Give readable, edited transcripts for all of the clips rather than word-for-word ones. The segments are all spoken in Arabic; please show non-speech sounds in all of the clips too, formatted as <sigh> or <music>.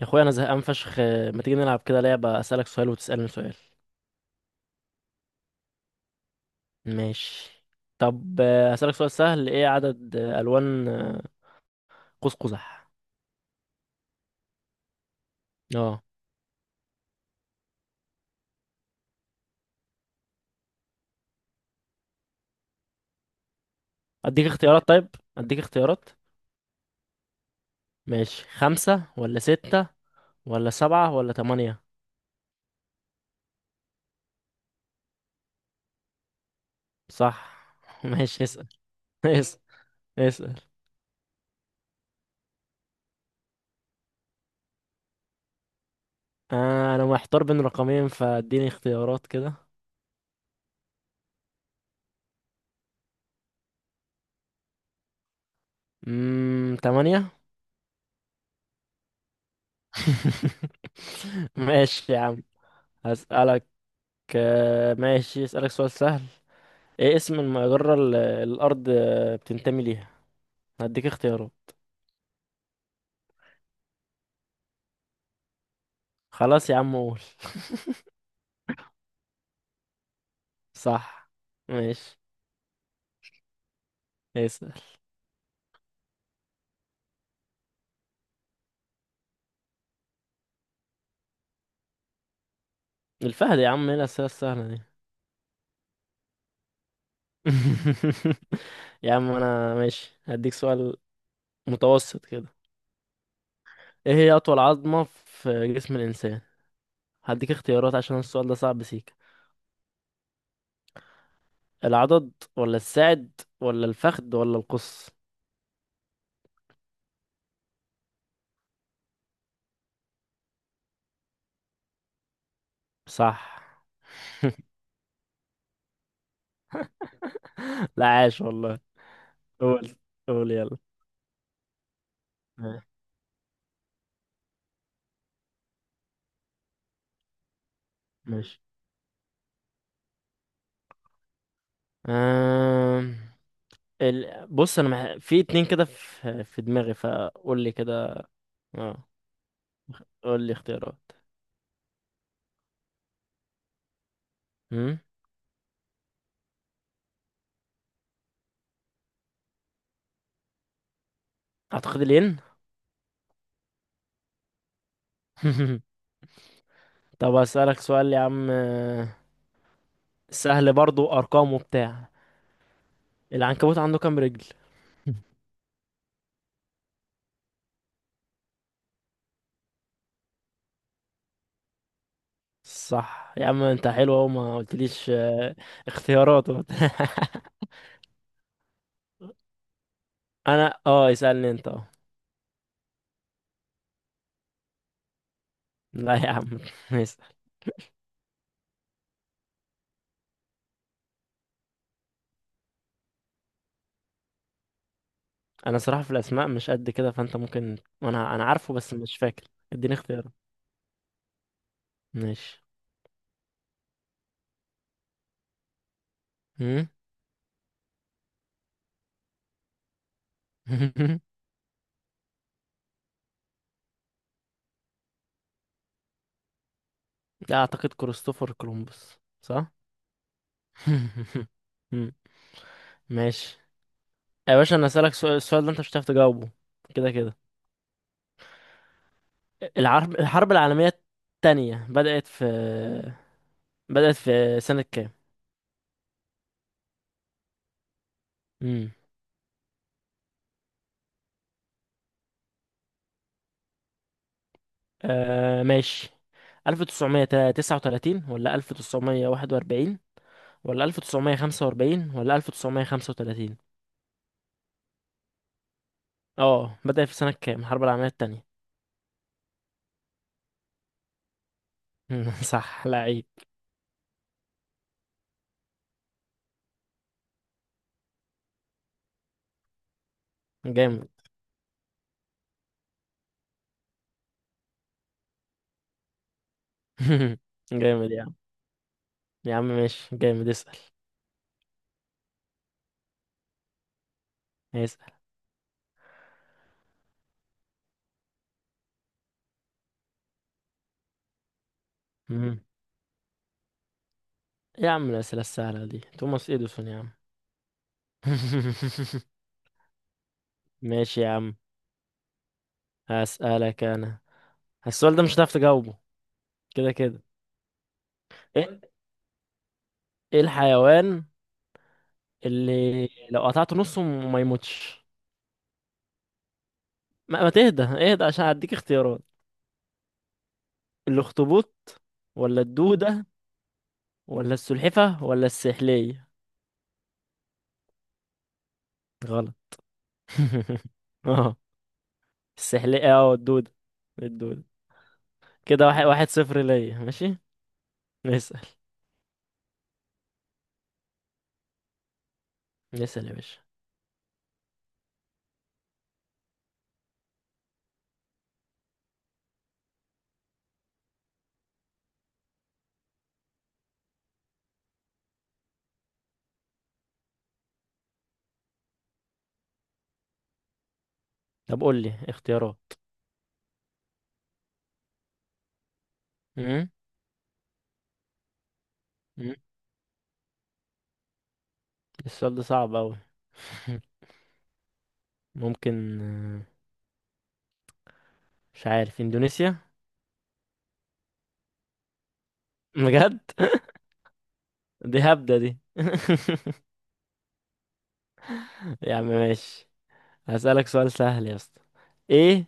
يا اخويا انا زهقان فشخ. ما تيجي نلعب كده لعبة، اسألك سؤال وتسألني سؤال؟ ماشي. طب اسألك سؤال سهل، ايه عدد الوان قوس قزح؟ اه، اديك اختيارات طيب، اديك اختيارات. ماشي، خمسة ولا ستة ولا سبعة ولا تمانية؟ صح. <laughs> ماشي، اسأل، اسأل، اسأل. انا محتار بين رقمين، فاديني اختيارات كده. تمانية. <laughs> ماشي يا عم، هسألك. ماشي، اسألك سؤال سهل، ايه اسم المجرة اللي الأرض بتنتمي ليها؟ هديك اختيارات. خلاص يا عم، قول. <laughs> صح. ماشي، اسأل. الفهد يا عم، ايه الأسئلة السهلة دي؟ <laughs> يا عم أنا ماشي، هديك سؤال متوسط كده. ايه هي أطول عظمة في جسم الإنسان؟ هديك اختيارات عشان السؤال ده صعب سيكا. العضد ولا الساعد ولا الفخذ ولا القص؟ صح. <laughs> لا، عاش والله. قول، قول يلا. آه، ماشي. آه. بص انا في اتنين كده في دماغي، فقول لي كده. اه، قول لي اختيارات. امم اعتقد الين. <laughs> طب اسالك سؤال يا عم، سهل برضو، ارقام وبتاع. العنكبوت عنده كام رجل؟ <laughs> صح يا عم، انت حلو اهو، ما قلتليش اختيارات وبتاع. <laughs> انا اسالني انت. اه، لا يا عم، <laughs> اسال. انا صراحة في الاسماء مش قد كده، فانت ممكن. انا عارفه بس مش فاكر، اديني اختيارات. ماشي. مم؟ <laughs> لا، اعتقد كريستوفر كولومبوس. صح. <laughs> مم. ماشي يا باشا، انا اسالك سؤال، السؤال ده انت مش هتعرف تجاوبه كده كده. الحرب العالميه الثانيه بدات في، <laughs> بدات في سنه كام؟ امم ماشي، 1939 ولا 1941 ولا 1945 ولا 1935؟ اه، بدات في سنه كام الحرب العالميه الثانيه. <laughs> صح، لعيب. جامد. <laughs> جامد يا عم، يا عم ماشي، جامد. اسال. هيسأل. مم. إيه يا عم الأسئلة السهلة دي؟ توماس إديسون يا عم. <laughs> ماشي يا عم، هسألك أنا. السؤال ده مش هتعرف تجاوبه كده كده. إيه إيه الحيوان اللي لو قطعته نصه ما يموتش؟ ما تهدى، اهدى عشان هديك اختيارات. الأخطبوط ولا الدودة ولا السلحفة ولا السحلية؟ غلط. <laughs> اه، السحلية، الدودة. الدودة. كده واحد، واحد صفر ليا، ماشي. نسأل، نسأل يا باشا. طب قول لي اختيارات. مم؟ مم؟ السؤال ده صعب أوي. <laughs> ممكن، مش عارف، اندونيسيا، بجد. <laughs> دي هبدة دي. <laughs> يا عم ماشي، هسألك سؤال سهل يا اسطى. ايه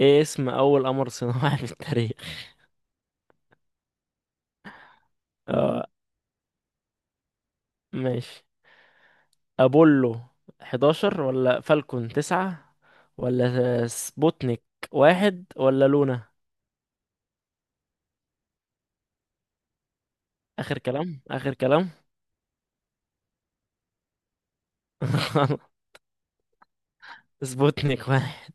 ايه اسم اول قمر صناعي <laughs> في التاريخ؟ اه، ماشي. ابولو 11 ولا فالكون 9 ولا سبوتنيك واحد ولا لونا؟ اخر كلام، اخر كلام. <laughs> سبوتنيك واحد.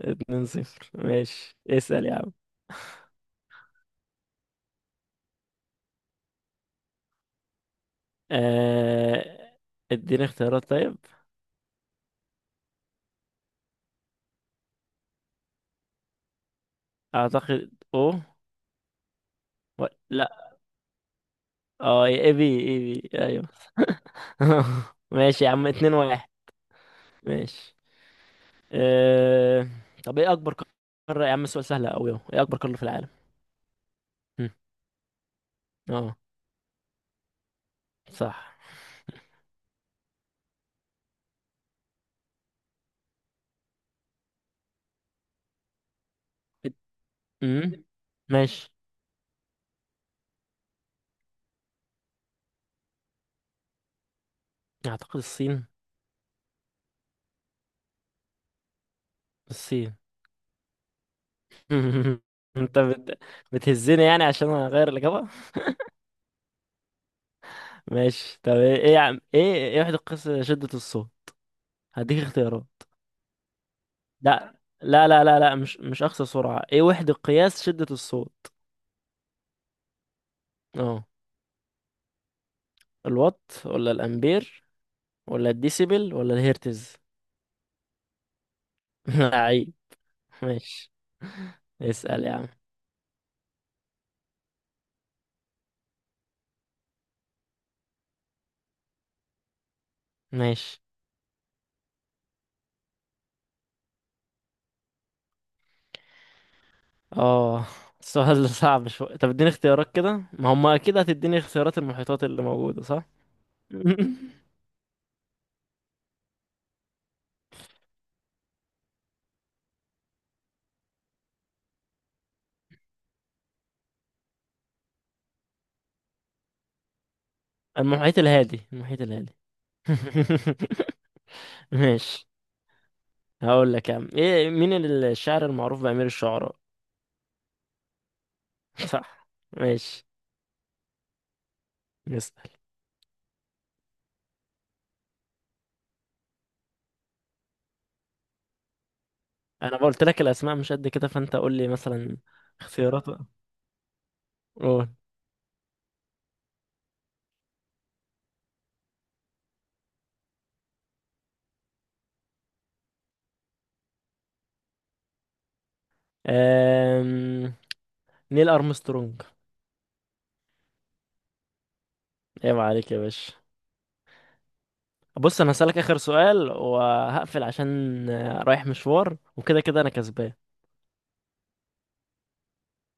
2-0، ماشي، اسأل يا عم. آه... اديني اختيارات طيب. اعتقد او. لا، اه، AB، اي بي، ايوه. <laughs> ماشي يا عم، 2-1. ماشي. آه... طب ايه اكبر قارة يا عم، سؤال سهل اوي اهو، ايه اكبر قارة في العالم؟ هم، اه. صح. ات- مم، ماشي. اعتقد الصين، الصين. <laughs> انت بتهزني يعني عشان اغير الاجابة. ماشي، طب ايه، ايه يا عم، ايه، ايه وحدة قياس شدة الصوت؟ هديك اختيارات. لا لا لا لا لا، مش اقصى سرعة، ايه وحدة قياس شدة الصوت؟ اه، الوات ولا الامبير ولا الديسيبل ولا الهرتز؟ <laughs> لعيب. ماشي، اسأل يا عم. ماشي. اه، السؤال ده صعب شوية، طب اديني اختيارات كده، ما هم اكيد هتديني اختيارات المحيطات اللي موجودة، صح. <laughs> المحيط الهادي، المحيط الهادي. <laughs> ماشي. هقول لك يا عم، ايه، مين الشاعر المعروف بأمير الشعراء؟ <laughs> صح. ماشي، نسأل. انا قلت لك الاسماء مش قد كده، فانت قول لي مثلا اختيارات بقى. قول. أم... نيل ارمسترونج. عيب عليك يا باشا. بص انا هسألك اخر سؤال وهقفل عشان رايح مشوار وكده كده انا كسبان.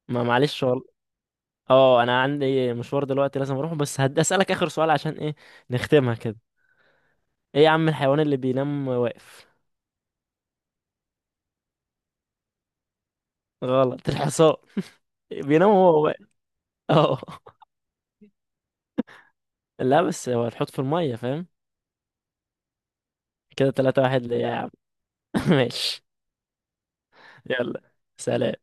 ما معلش والله. اه، انا عندي مشوار دلوقتي لازم اروح، بس اسالك اخر سؤال عشان ايه، نختمها كده. ايه يا عم الحيوان اللي بينام واقف؟ غلط، الحصان بينام وهو واقف، اه. لا بس هو هتحط في المية، فاهم. كده 3-1 ليا يا عم. <laughs> ماشي، يلا سلام.